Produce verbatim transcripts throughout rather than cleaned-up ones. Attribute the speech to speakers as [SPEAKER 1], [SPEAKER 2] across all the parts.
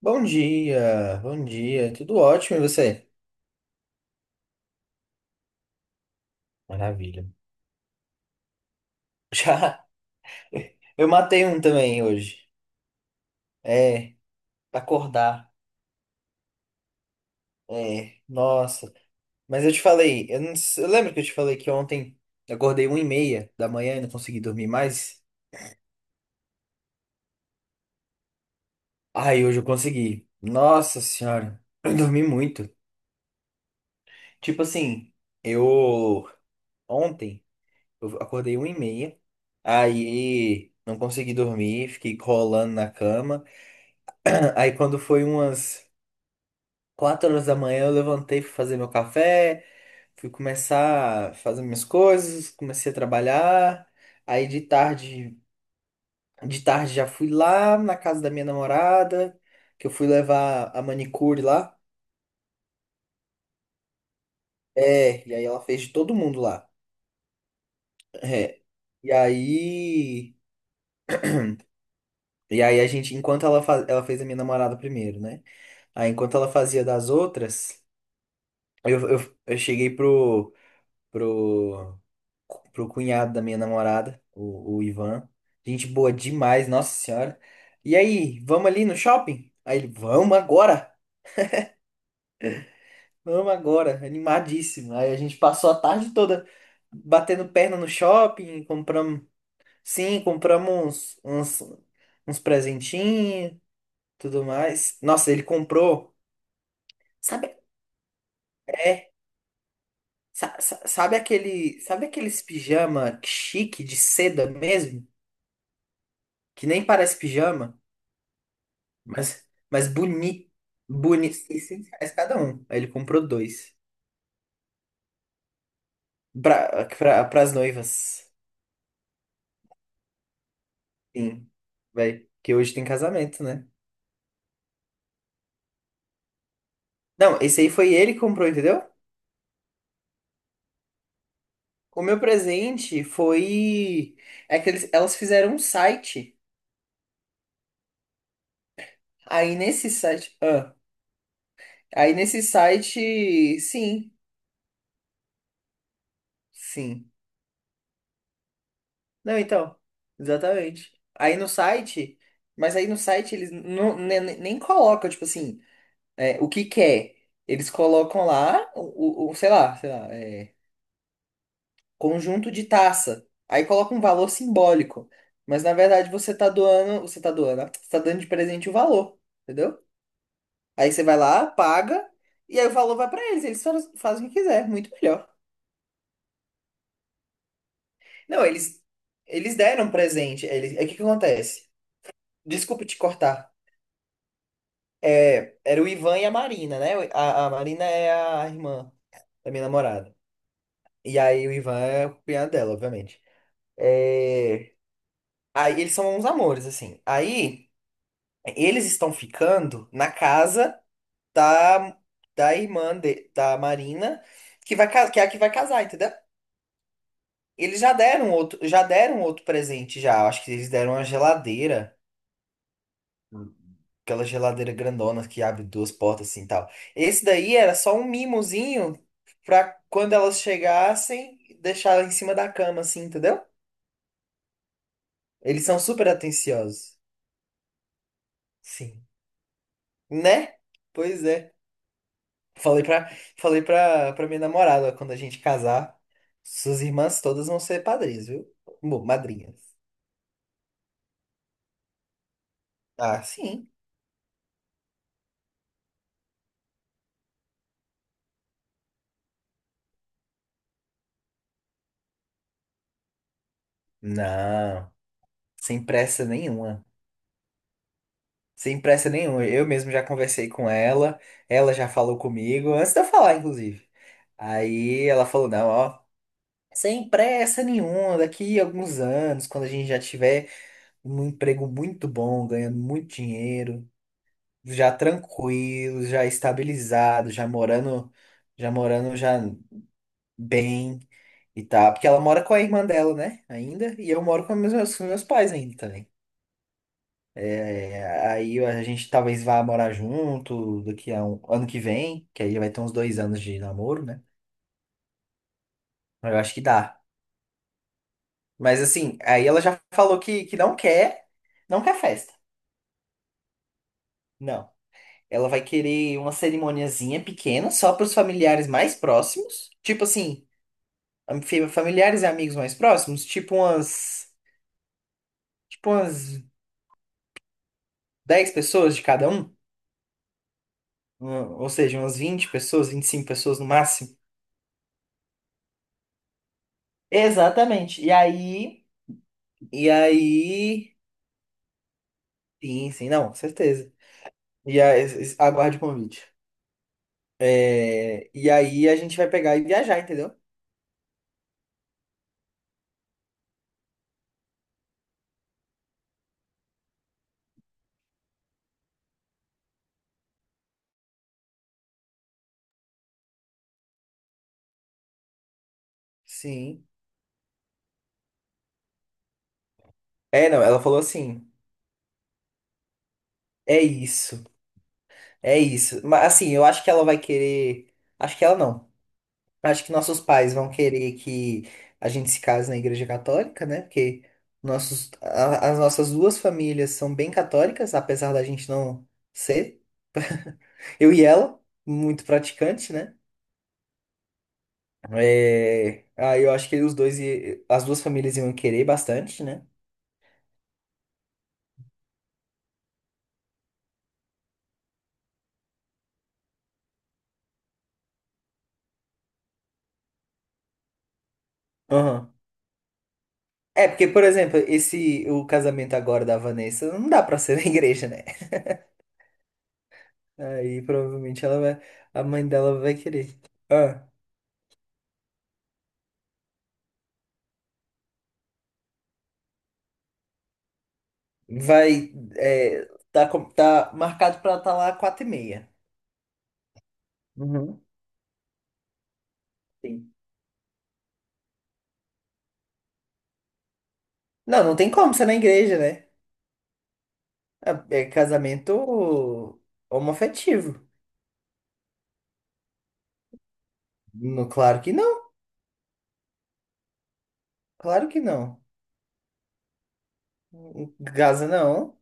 [SPEAKER 1] Bom dia, bom dia, tudo ótimo e você? Maravilha. Já eu matei um também hoje. É, pra acordar. É, nossa. Mas eu te falei, eu, não, s- eu lembro que eu te falei que ontem eu acordei uma e meia da manhã e não consegui dormir mais. Ai, hoje eu consegui. Nossa senhora, eu dormi muito. Tipo assim, eu ontem eu acordei uma e meia, aí não consegui dormir, fiquei rolando na cama. Aí quando foi umas quatro horas da manhã, eu levantei, fui fazer meu café, fui começar a fazer minhas coisas, comecei a trabalhar. Aí de tarde, de tarde já fui lá na casa da minha namorada, que eu fui levar a manicure lá. É, e aí ela fez de todo mundo lá. É. E aí, e aí a gente, enquanto ela, fa- ela fez a minha namorada primeiro, né? Aí enquanto ela fazia das outras, eu, eu, eu cheguei pro pro, pro cunhado da minha namorada, o, o Ivan. Gente boa demais, nossa senhora. E aí, vamos ali no shopping? Aí ele, vamos agora, vamos agora, animadíssimo. Aí a gente passou a tarde toda batendo perna no shopping, compramos, sim, compramos uns, uns, uns presentinhos, tudo mais. Nossa, ele comprou, sabe, é, sa- sa- sabe aquele, sabe aqueles pijama chique de seda mesmo, que nem parece pijama? Mas, mas boni boni seiscentos reais cada um. Aí ele comprou dois. Pra, pra, pras noivas. Sim. Vai. Que hoje tem casamento, né? Não, esse aí foi ele que comprou, entendeu? O meu presente foi. É que eles, elas fizeram um site. Aí nesse site. Ah, aí nesse site. Sim. Sim. Não, então. Exatamente. Aí no site. Mas aí no site eles não, nem, nem colocam, tipo assim. É, o que quer? Eles colocam lá, o, o- o- sei lá, sei lá, é, conjunto de taça. Aí coloca um valor simbólico. Mas na verdade você tá doando, você tá doando, ó, você tá dando de presente o valor, entendeu? Aí você vai lá, paga, e aí o valor vai pra eles, eles, faz- fazem o que quiser, muito melhor. Não, eles, eles deram um presente, eles, é o que que acontece? Desculpa te cortar. É, era o Ivan e a Marina, né? A, a Marina é a irmã da minha namorada. E aí o Ivan é o cunhado dela, obviamente. É. Aí eles são uns amores, assim. Aí eles estão ficando na casa da, da irmã de- da Marina, que vai, ca- que é a que vai casar, entendeu? Eles já deram outro, já deram outro presente já. Acho que eles deram uma geladeira, aquela geladeira grandona que abre duas portas assim e tal. Esse daí era só um mimozinho pra quando elas chegassem, deixar ela em cima da cama assim, entendeu? Eles são super atenciosos. Sim. Né? Pois é. Falei pra, falei pra, pra minha namorada, ó, quando a gente casar, suas irmãs todas vão ser padrinhas, viu? Bom, madrinhas. Ah, sim. Não, sem pressa nenhuma. Sem pressa nenhuma. Eu mesmo já conversei com ela, ela já falou comigo, antes de eu falar, inclusive. Aí ela falou, não, ó, sem pressa nenhuma, daqui a alguns anos, quando a gente já tiver um emprego muito bom, ganhando muito dinheiro, já tranquilo, já estabilizado, já morando, já morando já bem e tal. Porque ela mora com a irmã dela, né? Ainda, e eu moro com meus, meus meus pais ainda também. É, aí a gente talvez vá morar junto daqui a um ano que vem, que aí vai ter uns dois anos de namoro, né? Eu acho que dá. Mas assim, aí ela já falou que, que não quer, não quer festa. Não. Ela vai querer uma cerimoniazinha pequena, só para os familiares mais próximos. Tipo assim, Am- fi- familiares e amigos mais próximos, tipo umas, tipo umas dez pessoas de cada um, um, ou seja, umas vinte pessoas, vinte e cinco pessoas no máximo. Exatamente. E aí, e aí, sim, sim, não, com certeza. E aí, es- es- aguarde o convite. É, e aí a gente vai pegar e viajar, entendeu? Sim. É, não, ela falou assim, é isso, é isso. Mas assim, eu acho que ela vai querer, acho que ela não. Acho que nossos pais vão querer que a gente se case na Igreja Católica, né? Porque nossos, a- as nossas duas famílias são bem católicas, apesar da gente não ser. Eu e ela, muito praticante, né? É, aí eu acho que os dois, i- as duas famílias iam querer bastante, né? Aham. É, porque, por exemplo, esse, o casamento agora da Vanessa não dá pra ser na igreja, né? Aí provavelmente ela vai, a mãe dela vai querer. Ah. Vai. É, tá, com- tá marcado pra estar lá quatro e meia. Uhum. Sim. Não, não tem como ser na igreja, né? É, é casamento homoafetivo. No, claro que não, claro que não. Gaza não.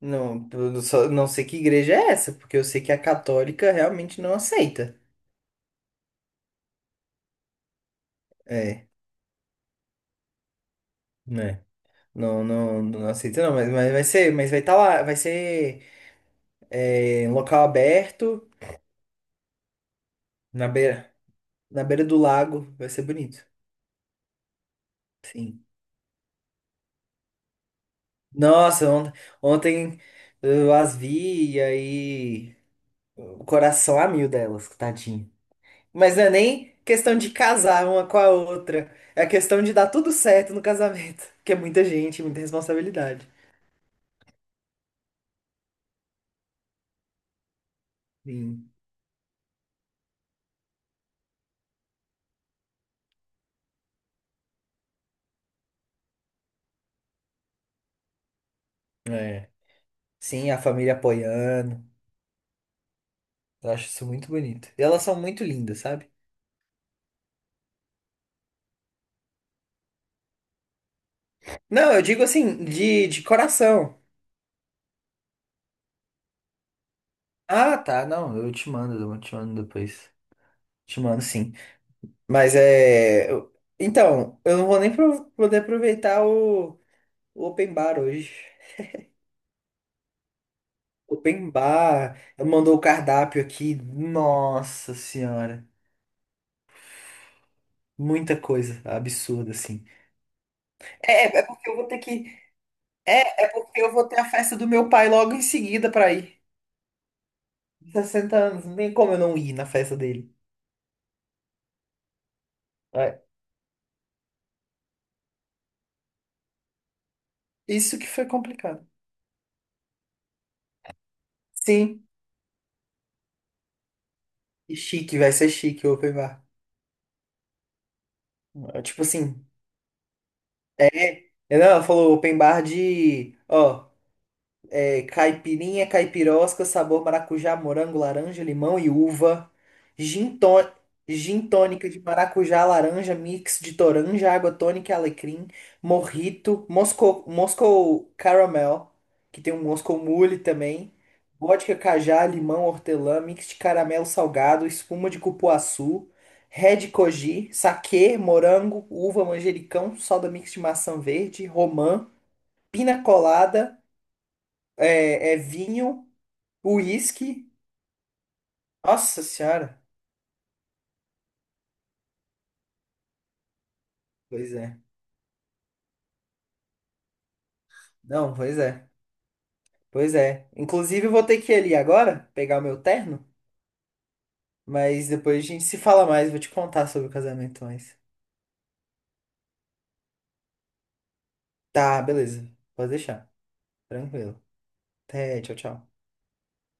[SPEAKER 1] Não, eu só não sei que igreja é essa, porque eu sei que a católica realmente não aceita. É, né? Não, não, não aceita não, mas, mas vai ser, mas vai estar lá, vai ser é, em local aberto, na beira, na beira do lago, vai ser bonito. Sim. Nossa, ont- ontem eu as vi e aí o coração a mil delas, tadinho. Mas não é nem questão de casar uma com a outra, é a questão de dar tudo certo no casamento, que é muita gente, muita responsabilidade. Sim. É. Sim, a família apoiando. Eu acho isso muito bonito. E elas são muito lindas, sabe? Não, eu digo assim, de, de coração. Ah, tá, não, eu te mando, eu te mando depois. Te mando sim. Mas é. eu- Então, eu não vou nem pro- poder aproveitar o, o Open Bar hoje. Open Bar ela mandou o cardápio aqui. Nossa senhora. Muita coisa absurda, assim. É, é é porque eu vou ter que. É, é porque eu vou ter a festa do meu pai logo em seguida pra ir. Sessenta anos, não tem como eu não ir na festa dele. É. Isso que foi complicado. Sim, e chique, vai ser chique o Open Bar. É, tipo assim, é. Não, ela falou Open Bar de. Ó. É, caipirinha, caipirosca, sabor maracujá, morango, laranja, limão e uva. Gin, tó- gin tônica de maracujá, laranja, mix de toranja, água tônica e alecrim. Morrito, Moscou, Moscou Caramel, que tem um Moscou Mule também. Vodka, cajá, limão, hortelã, mix de caramelo salgado, espuma de cupuaçu. Red Koji, saquê, morango, uva, manjericão, soda mix de maçã verde, romã, pina colada é, é vinho, uísque. Nossa senhora. Pois é. Não, pois é. Pois é. Inclusive, eu vou ter que ir ali agora, pegar o meu terno. Mas depois a gente se fala mais, vou te contar sobre o casamento mais. Tá, beleza. Pode deixar. Tranquilo. Até, tchau, tchau.